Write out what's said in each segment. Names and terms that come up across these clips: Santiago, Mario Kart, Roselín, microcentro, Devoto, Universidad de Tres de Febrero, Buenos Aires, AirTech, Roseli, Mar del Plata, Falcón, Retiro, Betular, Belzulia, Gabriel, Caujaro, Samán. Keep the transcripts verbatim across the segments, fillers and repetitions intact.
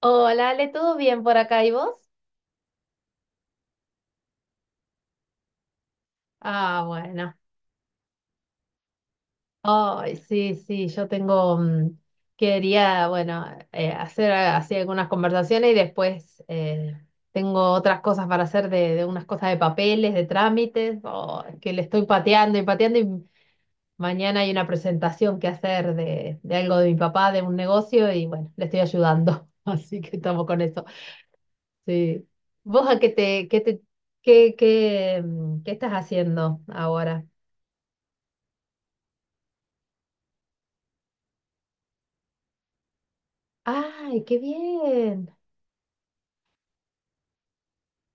Hola, Ale, ¿todo bien por acá? ¿Y vos? Ah, bueno. Ay, sí, sí, yo tengo, mm, quería, bueno, eh, hacer así algunas conversaciones, y después, eh, tengo otras cosas para hacer de, de unas cosas de papeles, de trámites. Oh, que le estoy pateando y pateando, y mañana hay una presentación que hacer de, de algo de mi papá, de un negocio, y bueno, le estoy ayudando, así que estamos con eso. Sí. ¿Vos a qué te, qué te, qué, qué, mm, qué estás haciendo ahora? ¡Ay, qué bien!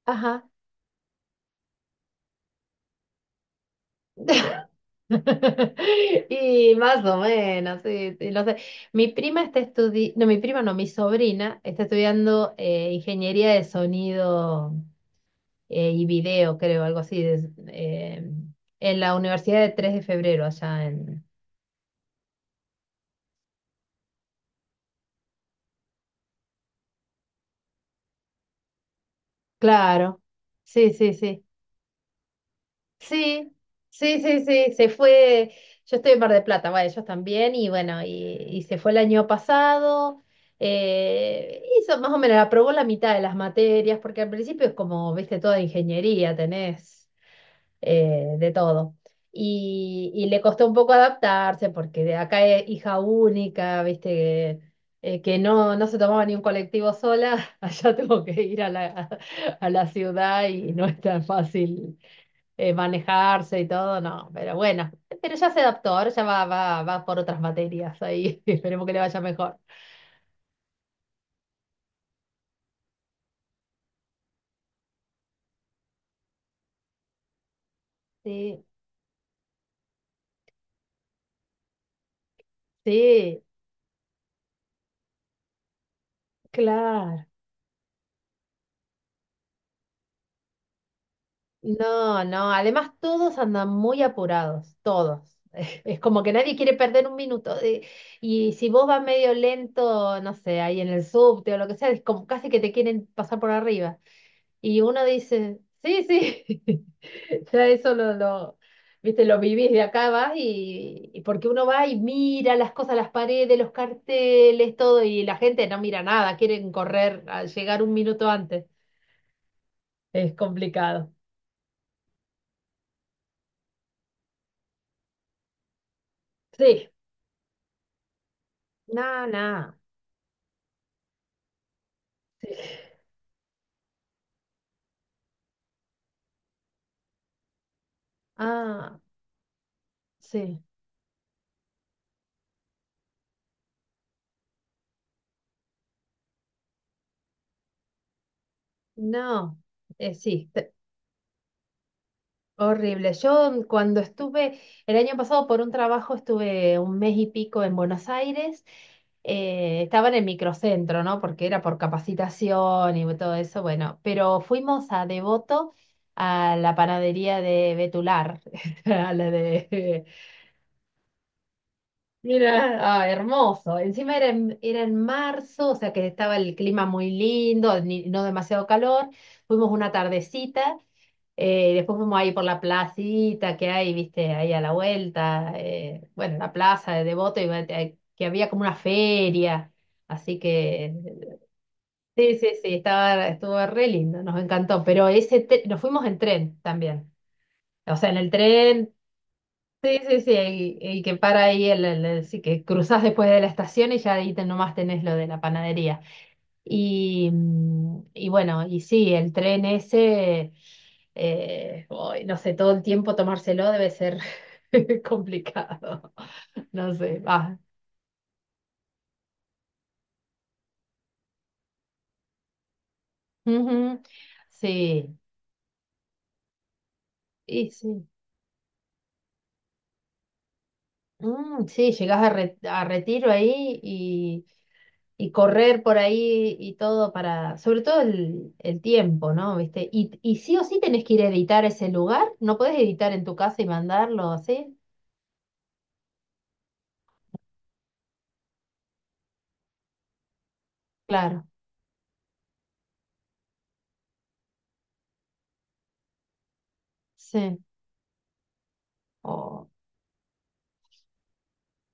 Ajá. Y más o menos, sí, sí, lo sé. Mi prima está estudiando, no, mi prima no, mi sobrina está estudiando, eh, ingeniería de sonido, eh, y video, creo, algo así, de- eh, en la Universidad de Tres de Febrero, allá en... Claro, sí, sí, sí. Sí, sí, sí, sí, se fue, yo estoy en Mar del Plata, bueno, ellos también, y bueno, y, y se fue el año pasado. Eh, hizo más o menos, aprobó la mitad de las materias, porque al principio es como, viste, toda ingeniería tenés, eh, de todo. Y, y le costó un poco adaptarse porque de acá es hija única, viste, eh, que no, no se tomaba ni un colectivo sola. Allá tengo que ir a la, a la ciudad, y no es tan fácil eh, manejarse y todo. No, pero bueno, pero ya se adaptó, ahora ya va, va, va por otras materias ahí. Esperemos que le vaya mejor. Sí, sí, claro. No, no, además todos andan muy apurados, todos. Es como que nadie quiere perder un minuto. eh, Y si vos vas medio lento, no sé, ahí en el subte o lo que sea, es como casi que te quieren pasar por arriba. Y uno dice, sí, sí. Ya eso lo, lo, viste, lo vivís de acá, vas y, y porque uno va y mira las cosas, las paredes, los carteles, todo, y la gente no mira nada, quieren correr, a llegar un minuto antes. Es complicado. Sí, nada, nada. Ah, sí. No, eh, sí, te- horrible. Yo, mm, cuando estuve, el año pasado por un trabajo, estuve un mes y pico en Buenos Aires. eh, estaba en el microcentro, ¿no? Porque era por capacitación y todo eso, bueno, pero fuimos a Devoto, a la panadería de Betular, a la de... Mira, ah, hermoso. Encima era en, era en marzo, o sea que estaba el clima muy lindo, ni- no demasiado calor. Fuimos una tardecita, eh, después fuimos ahí por la placita que hay, viste, ahí a la vuelta, eh, bueno, la plaza de Devoto, y, va- eh, que había como una feria. Así que sí, sí, sí, estaba, estuvo re lindo, nos encantó. Pero ese, te- nos fuimos en tren también. O sea, en el tren... Sí, sí, sí, y, y que para ahí, el, el- el- sí, que cruzas después de la estación, y ya ahí, te- nomás tenés lo de la panadería. Y, mm, y bueno, y sí, el tren ese, eh, uy, no sé, todo el tiempo tomárselo debe ser complicado. No sé, va. Ujú, sí, y sí. Mm, sí, llegás a, Re- a Retiro ahí, y, y correr por ahí y todo, para, sobre todo el, el tiempo, ¿no? ¿Viste? Y, y sí o sí tenés que ir a editar ese lugar, no podés editar en tu casa y mandarlo así, claro, sí, o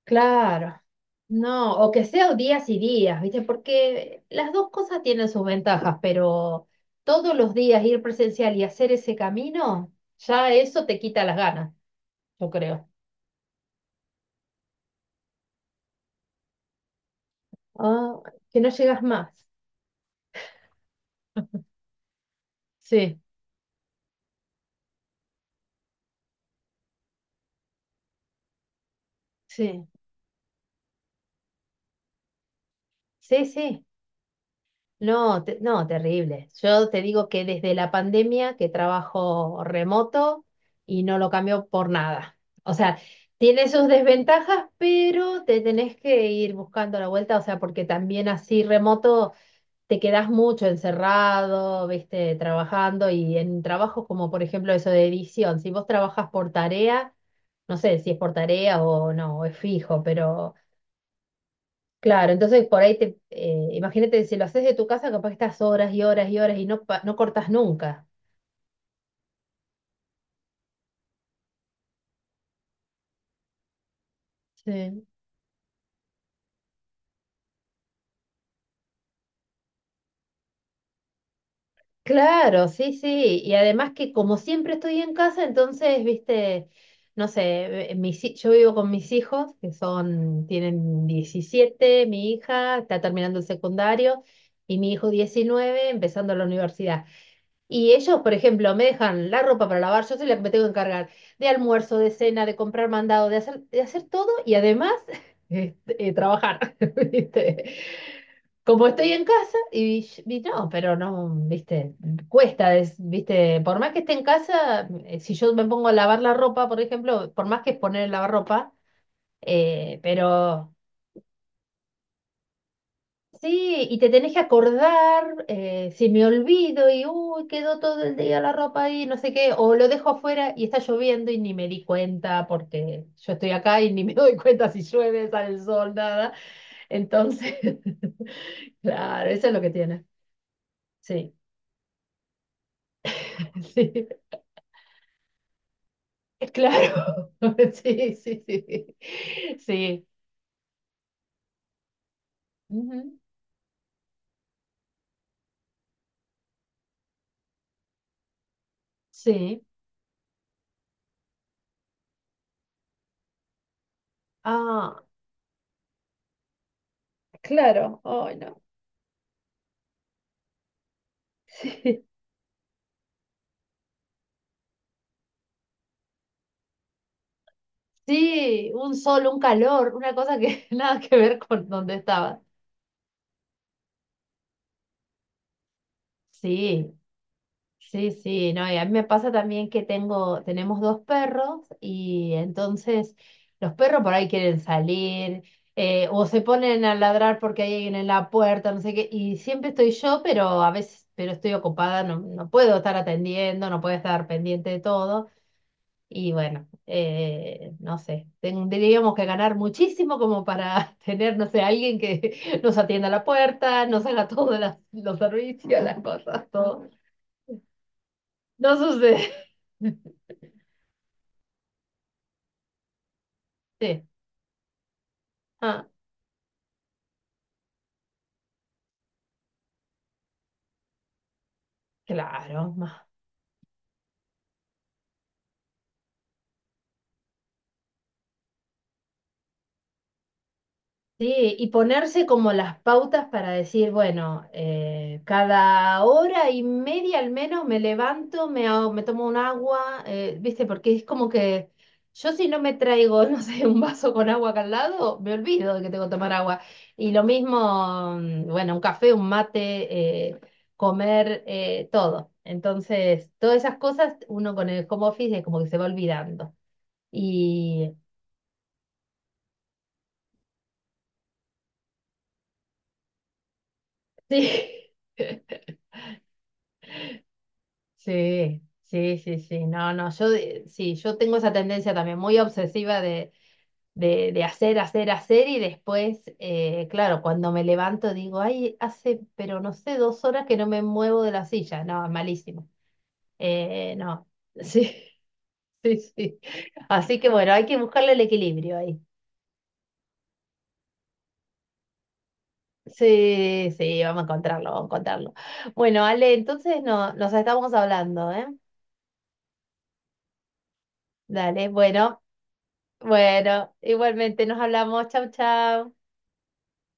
claro, no, o que sea días y días, ¿viste? Porque las dos cosas tienen sus ventajas, pero todos los días ir presencial y hacer ese camino, ya eso te quita las ganas, yo creo. Ah, que no llegas más. Sí, sí, sí, sí. No, te- no, terrible. Yo te digo que desde la pandemia que trabajo remoto, y no lo cambio por nada. O sea, tiene sus desventajas, pero te tenés que ir buscando la vuelta, o sea, porque también así remoto te quedás mucho encerrado, viste, trabajando, y en trabajos como por ejemplo eso de edición, si vos trabajas por tarea, no sé si es por tarea o no, o es fijo, pero... Claro, entonces, por ahí te, eh, imagínate, si lo haces de tu casa, capaz que estás horas y horas y horas, y no, pa- no cortas nunca. Sí. Claro, sí, sí. Y además, que como siempre estoy en casa, entonces, viste, no sé, eh, mis hi- yo vivo con mis hijos, que son, tienen diecisiete, mi hija está terminando el secundario, y mi hijo, diecinueve, empezando la universidad. Y ellos, por ejemplo, me dejan la ropa para lavar, yo soy la que me tengo que encargar de almuerzo, de cena, de comprar mandado, de hacer, de hacer todo, y además eh, eh, trabajar. ¿Viste? Como estoy en casa, y, y no, pero no, ¿viste? Cuesta, es- ¿viste? Por más que esté en casa, eh, si yo me pongo a lavar la ropa, por ejemplo, por más que es poner el lavarropa, eh, pero... Sí, y te tenés que acordar, eh, si me olvido, y uy, quedó todo el día la ropa ahí, no sé qué, o lo dejo afuera y está lloviendo y ni me di cuenta, porque yo estoy acá y ni me doy cuenta si llueve, sale el sol, nada. Entonces, claro, eso es lo que tiene. Sí, sí, claro. Sí, sí, sí. Sí. Ujú. Sí. Ah, claro. Ay, no. Sí, un sol, un calor, una cosa que nada que ver con donde estaba. Sí, sí, sí, no, y a mí me pasa también que tengo, tenemos dos perros, y entonces los perros por ahí quieren salir, eh, o se ponen a ladrar porque hay alguien en la puerta, no sé qué, y siempre estoy yo, pero a veces, pero estoy ocupada, no, no puedo estar atendiendo, no puedo estar pendiente de todo. Y bueno, eh, no sé, tendríamos que ganar muchísimo como para tener, no sé, alguien que nos atienda a la puerta, nos haga todos las- los servicios, las cosas, todo. No sucede. Sí. Ah, claro. Sí, y ponerse como las pautas para decir, bueno, eh, cada hora y media al menos me levanto, me, hago- me tomo un agua, eh, ¿viste? Porque es como que yo, si no me traigo, no sé, un vaso con agua acá al lado, me olvido de que tengo que tomar agua. Y lo mismo, mm, bueno, un café, un mate, eh, comer, eh, todo. Entonces, todas esas cosas, uno con el home office, es como que se va olvidando. Y sí. Sí, sí, sí, sí. No, no, yo de- sí, yo tengo esa tendencia también muy obsesiva de, de, de hacer, hacer, hacer, y después, eh, claro, cuando me levanto digo, ay, hace, pero no sé, dos horas que no me muevo de la silla. No, es malísimo. Eh, no, sí, sí, sí. Así que bueno, hay que buscarle el equilibrio ahí. Sí, sí, vamos a encontrarlo, vamos a encontrarlo. Bueno, Ale, entonces no, nos estamos hablando, ¿eh? Dale, bueno. Bueno, igualmente nos hablamos. Chau, chau.